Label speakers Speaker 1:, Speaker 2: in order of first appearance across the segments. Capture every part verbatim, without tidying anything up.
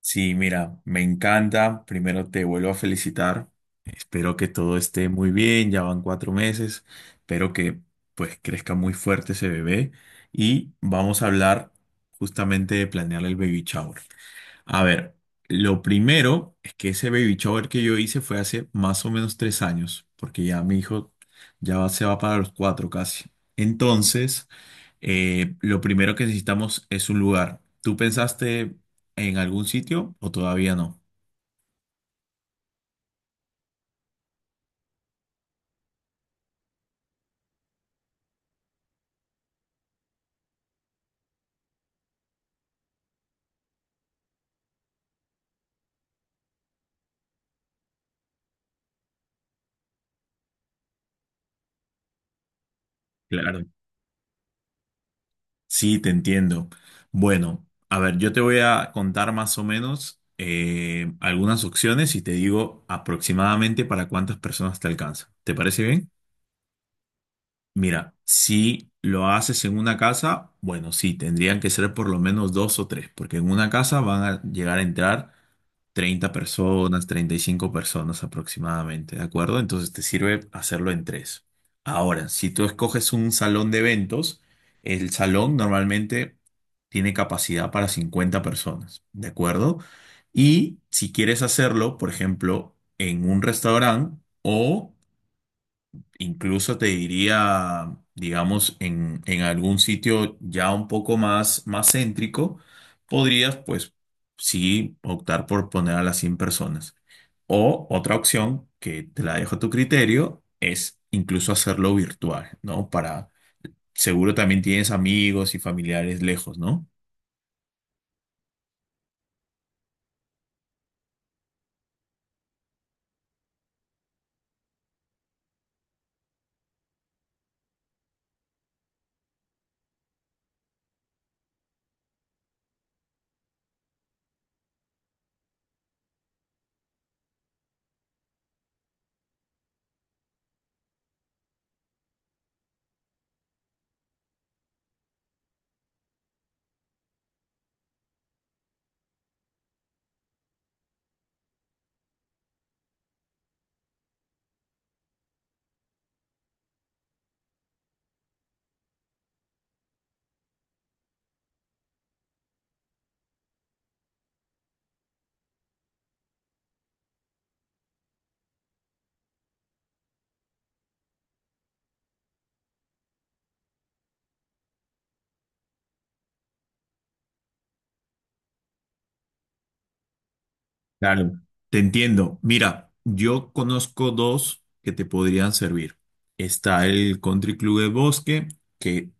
Speaker 1: Sí, mira, me encanta. Primero te vuelvo a felicitar. Espero que todo esté muy bien. Ya van cuatro meses. Espero que pues crezca muy fuerte ese bebé. Y vamos a hablar justamente de planear el baby shower. A ver, lo primero es que ese baby shower que yo hice fue hace más o menos tres años, porque ya mi hijo ya va- se va para los cuatro casi. Entonces eh, lo primero que necesitamos es un lugar. ¿Tú pensaste en algún sitio o todavía no? Claro. Sí, te entiendo. Bueno, a ver, yo te voy a contar más o menos eh, algunas opciones y te digo aproximadamente para cuántas personas te alcanza. ¿Te parece bien? Mira, si lo haces en una casa, bueno, sí, tendrían que ser por lo menos dos o tres, porque en una casa van a llegar a entrar treinta personas, treinta y cinco personas aproximadamente, ¿de acuerdo? Entonces te sirve hacerlo en tres. Ahora, si tú escoges un salón de eventos, el salón normalmente tiene capacidad para cincuenta personas, ¿de acuerdo? Y si quieres hacerlo, por ejemplo, en un restaurante o incluso te diría, digamos, en, en algún sitio ya un poco más, más céntrico, podrías, pues, sí, optar por poner a las cien personas. O otra opción, que te la dejo a tu criterio, es incluso hacerlo virtual, ¿no? Para, seguro también tienes amigos y familiares lejos, ¿no? Claro. Te entiendo. Mira, yo conozco dos que te podrían servir. Está el Country Club del Bosque, que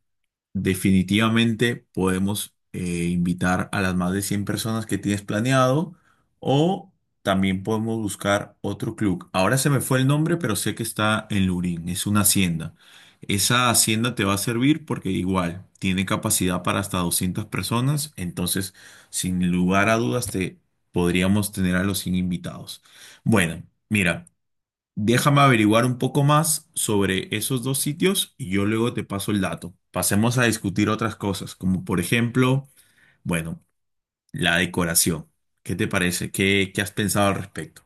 Speaker 1: definitivamente podemos eh, invitar a las más de cien personas que tienes planeado o también podemos buscar otro club. Ahora se me fue el nombre, pero sé que está en Lurín, es una hacienda. Esa hacienda te va a servir porque igual tiene capacidad para hasta doscientas personas, entonces sin lugar a dudas te podríamos tener a los cien invitados. Bueno, mira. Déjame averiguar un poco más sobre esos dos sitios y yo luego te paso el dato. Pasemos a discutir otras cosas, como por ejemplo, bueno, la decoración. ¿Qué te parece? ¿Qué, qué has pensado al respecto?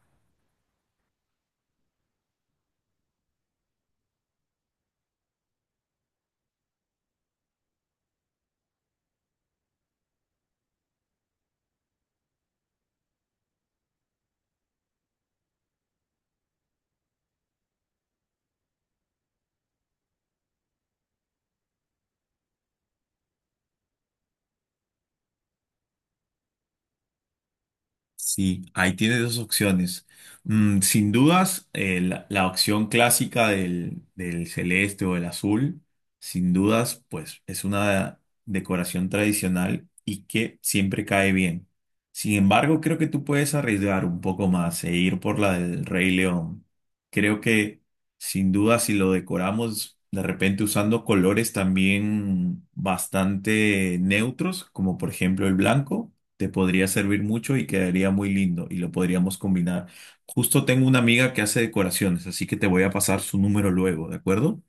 Speaker 1: Sí, ahí tienes dos opciones. Mm, sin dudas, eh, la, la opción clásica del, del celeste o el azul, sin dudas, pues es una decoración tradicional y que siempre cae bien. Sin embargo, creo que tú puedes arriesgar un poco más e ir por la del Rey León. Creo que sin duda, si lo decoramos de repente usando colores también bastante neutros, como por ejemplo el blanco, te podría servir mucho y quedaría muy lindo y lo podríamos combinar. Justo tengo una amiga que hace decoraciones, así que te voy a pasar su número luego, ¿de acuerdo?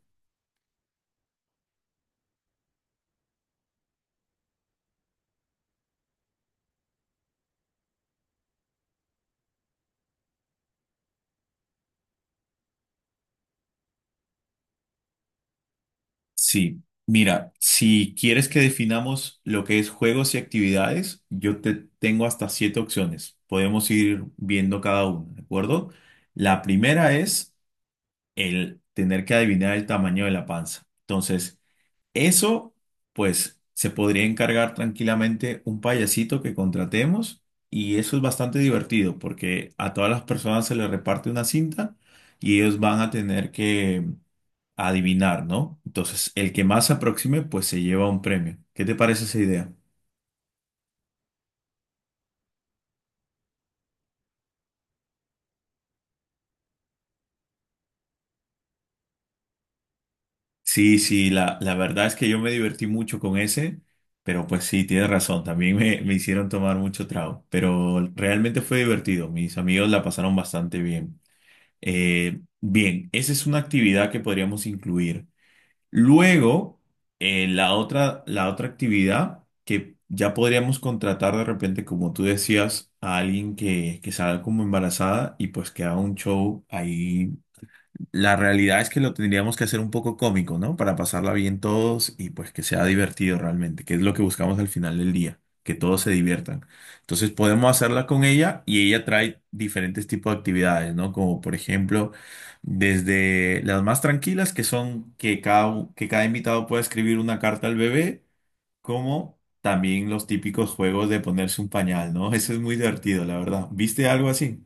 Speaker 1: Sí, mira, si quieres que definamos lo que es juegos y actividades, yo te tengo hasta siete opciones. Podemos ir viendo cada una, ¿de acuerdo? La primera es el tener que adivinar el tamaño de la panza. Entonces, eso, pues, se podría encargar tranquilamente un payasito que contratemos, y eso es bastante divertido porque a todas las personas se les reparte una cinta y ellos van a tener que adivinar, ¿no? Entonces, el que más se aproxime, pues se lleva un premio. ¿Qué te parece esa idea? Sí, sí, la, la verdad es que yo me divertí mucho con ese, pero pues sí, tienes razón, también me, me hicieron tomar mucho trago, pero realmente fue divertido, mis amigos la pasaron bastante bien. Eh, bien, esa es una actividad que podríamos incluir. Luego, eh, la otra, la otra actividad que ya podríamos contratar de repente, como tú decías, a alguien que, que salga como embarazada y pues que haga un show ahí. La realidad es que lo tendríamos que hacer un poco cómico, ¿no? Para pasarla bien todos y pues que sea divertido realmente, que es lo que buscamos al final del día, que todos se diviertan. Entonces podemos hacerla con ella y ella trae diferentes tipos de actividades, ¿no? Como por ejemplo, desde las más tranquilas, que son que cada, u- que cada invitado pueda escribir una carta al bebé, como también los típicos juegos de ponerse un pañal, ¿no? Eso es muy divertido, la verdad. ¿Viste algo así?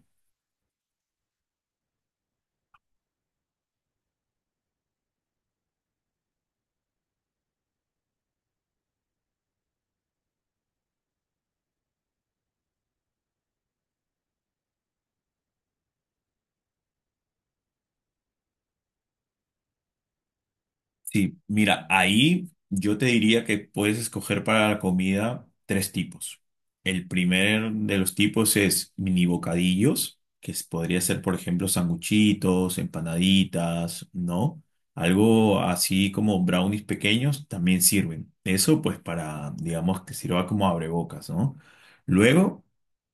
Speaker 1: Sí, mira, ahí yo te diría que puedes escoger para la comida tres tipos. El primer de los tipos es mini bocadillos, que es- podría ser, por ejemplo, sanguchitos, empanaditas, ¿no? Algo así como brownies pequeños también sirven. Eso pues para, digamos, que sirva como abrebocas, ¿no? Luego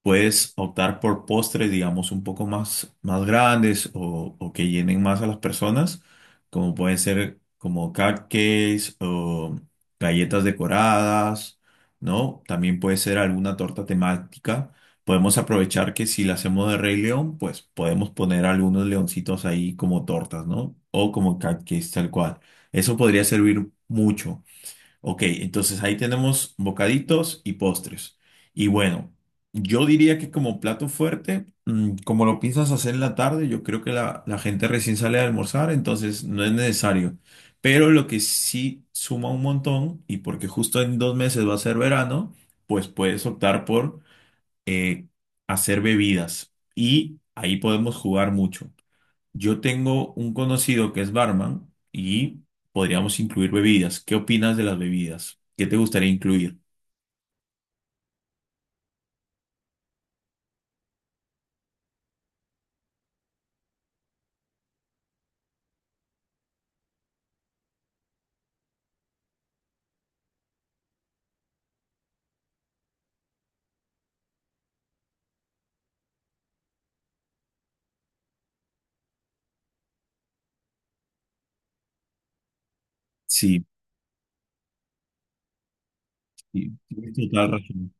Speaker 1: puedes optar por postres, digamos, un poco más, más grandes o o que llenen más a las personas, como pueden ser como cupcakes o galletas decoradas, ¿no? También puede ser alguna torta temática. Podemos aprovechar que si la hacemos de Rey León, pues podemos poner algunos leoncitos ahí como tortas, ¿no? O como cupcakes tal cual. Eso podría servir mucho. Ok, entonces ahí tenemos bocaditos y postres. Y bueno, yo diría que como plato fuerte, mm, como lo piensas hacer en la tarde, yo creo que la, la gente recién sale a almorzar, entonces no es necesario. Pero lo que sí suma un montón, y porque justo en dos meses va a ser verano, pues puedes optar por eh, hacer bebidas. Y ahí podemos jugar mucho. Yo tengo un conocido que es barman y podríamos incluir bebidas. ¿Qué opinas de las bebidas? ¿Qué te gustaría incluir? Sí, sí, tienes total razón.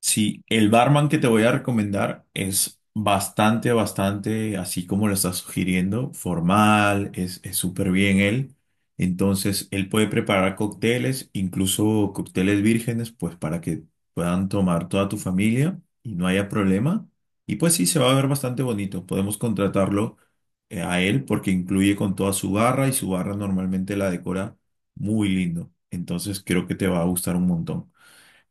Speaker 1: Sí, el barman que te voy a recomendar es bastante, bastante, así como lo estás sugiriendo, formal, es es súper bien él. Entonces, él puede preparar cócteles, incluso cócteles vírgenes, pues para que puedan tomar toda tu familia y no haya problema. Y pues sí, se va a ver bastante bonito. Podemos contratarlo eh, a él porque incluye con toda su barra y su barra normalmente la decora muy lindo. Entonces, creo que te va a gustar un montón.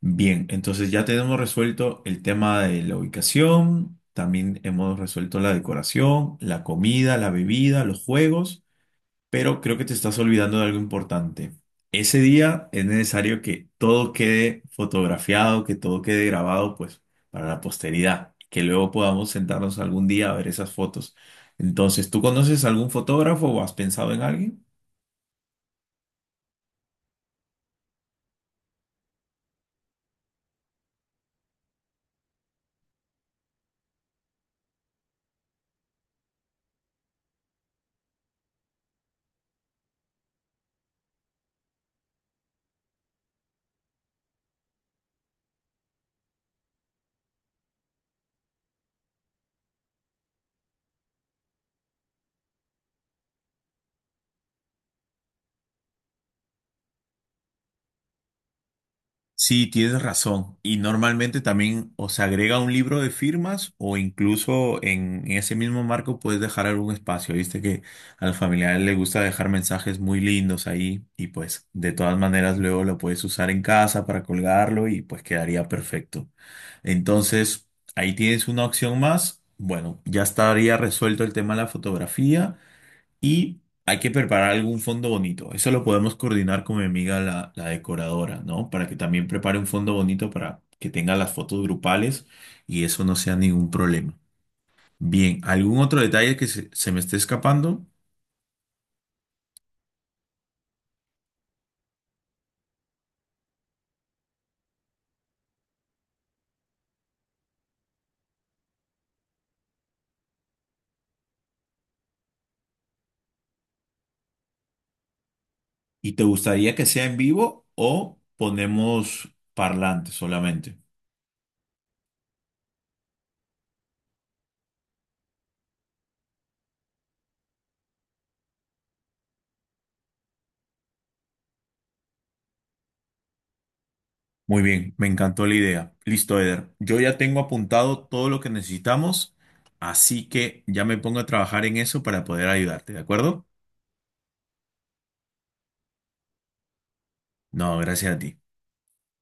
Speaker 1: Bien, entonces ya tenemos resuelto el tema de la ubicación, también hemos resuelto la decoración, la comida, la bebida, los juegos, pero creo que te estás olvidando de algo importante. Ese día es necesario que todo quede fotografiado, que todo quede grabado, pues, para la posteridad, que luego podamos sentarnos algún día a ver esas fotos. Entonces, ¿tú conoces algún fotógrafo o has pensado en alguien? Sí, tienes razón. Y normalmente también o se agrega un libro de firmas o incluso en, en ese mismo marco puedes dejar algún espacio. Viste que a los familiares les gusta dejar mensajes muy lindos ahí y pues de todas maneras luego lo puedes usar en casa para colgarlo y pues quedaría perfecto. Entonces, ahí tienes una opción más. Bueno, ya estaría resuelto el tema de la fotografía. Y hay que preparar algún fondo bonito. Eso lo podemos coordinar con mi amiga la, la decoradora, ¿no? Para que también prepare un fondo bonito para que tenga las fotos grupales y eso no sea ningún problema. Bien, ¿algún otro detalle que se, se me esté escapando? ¿Y te gustaría que sea en vivo o ponemos parlante solamente? Muy bien, me encantó la idea. Listo, Eder. Yo ya tengo apuntado todo lo que necesitamos, así que ya me pongo a trabajar en eso para poder ayudarte, ¿de acuerdo? No, gracias a ti.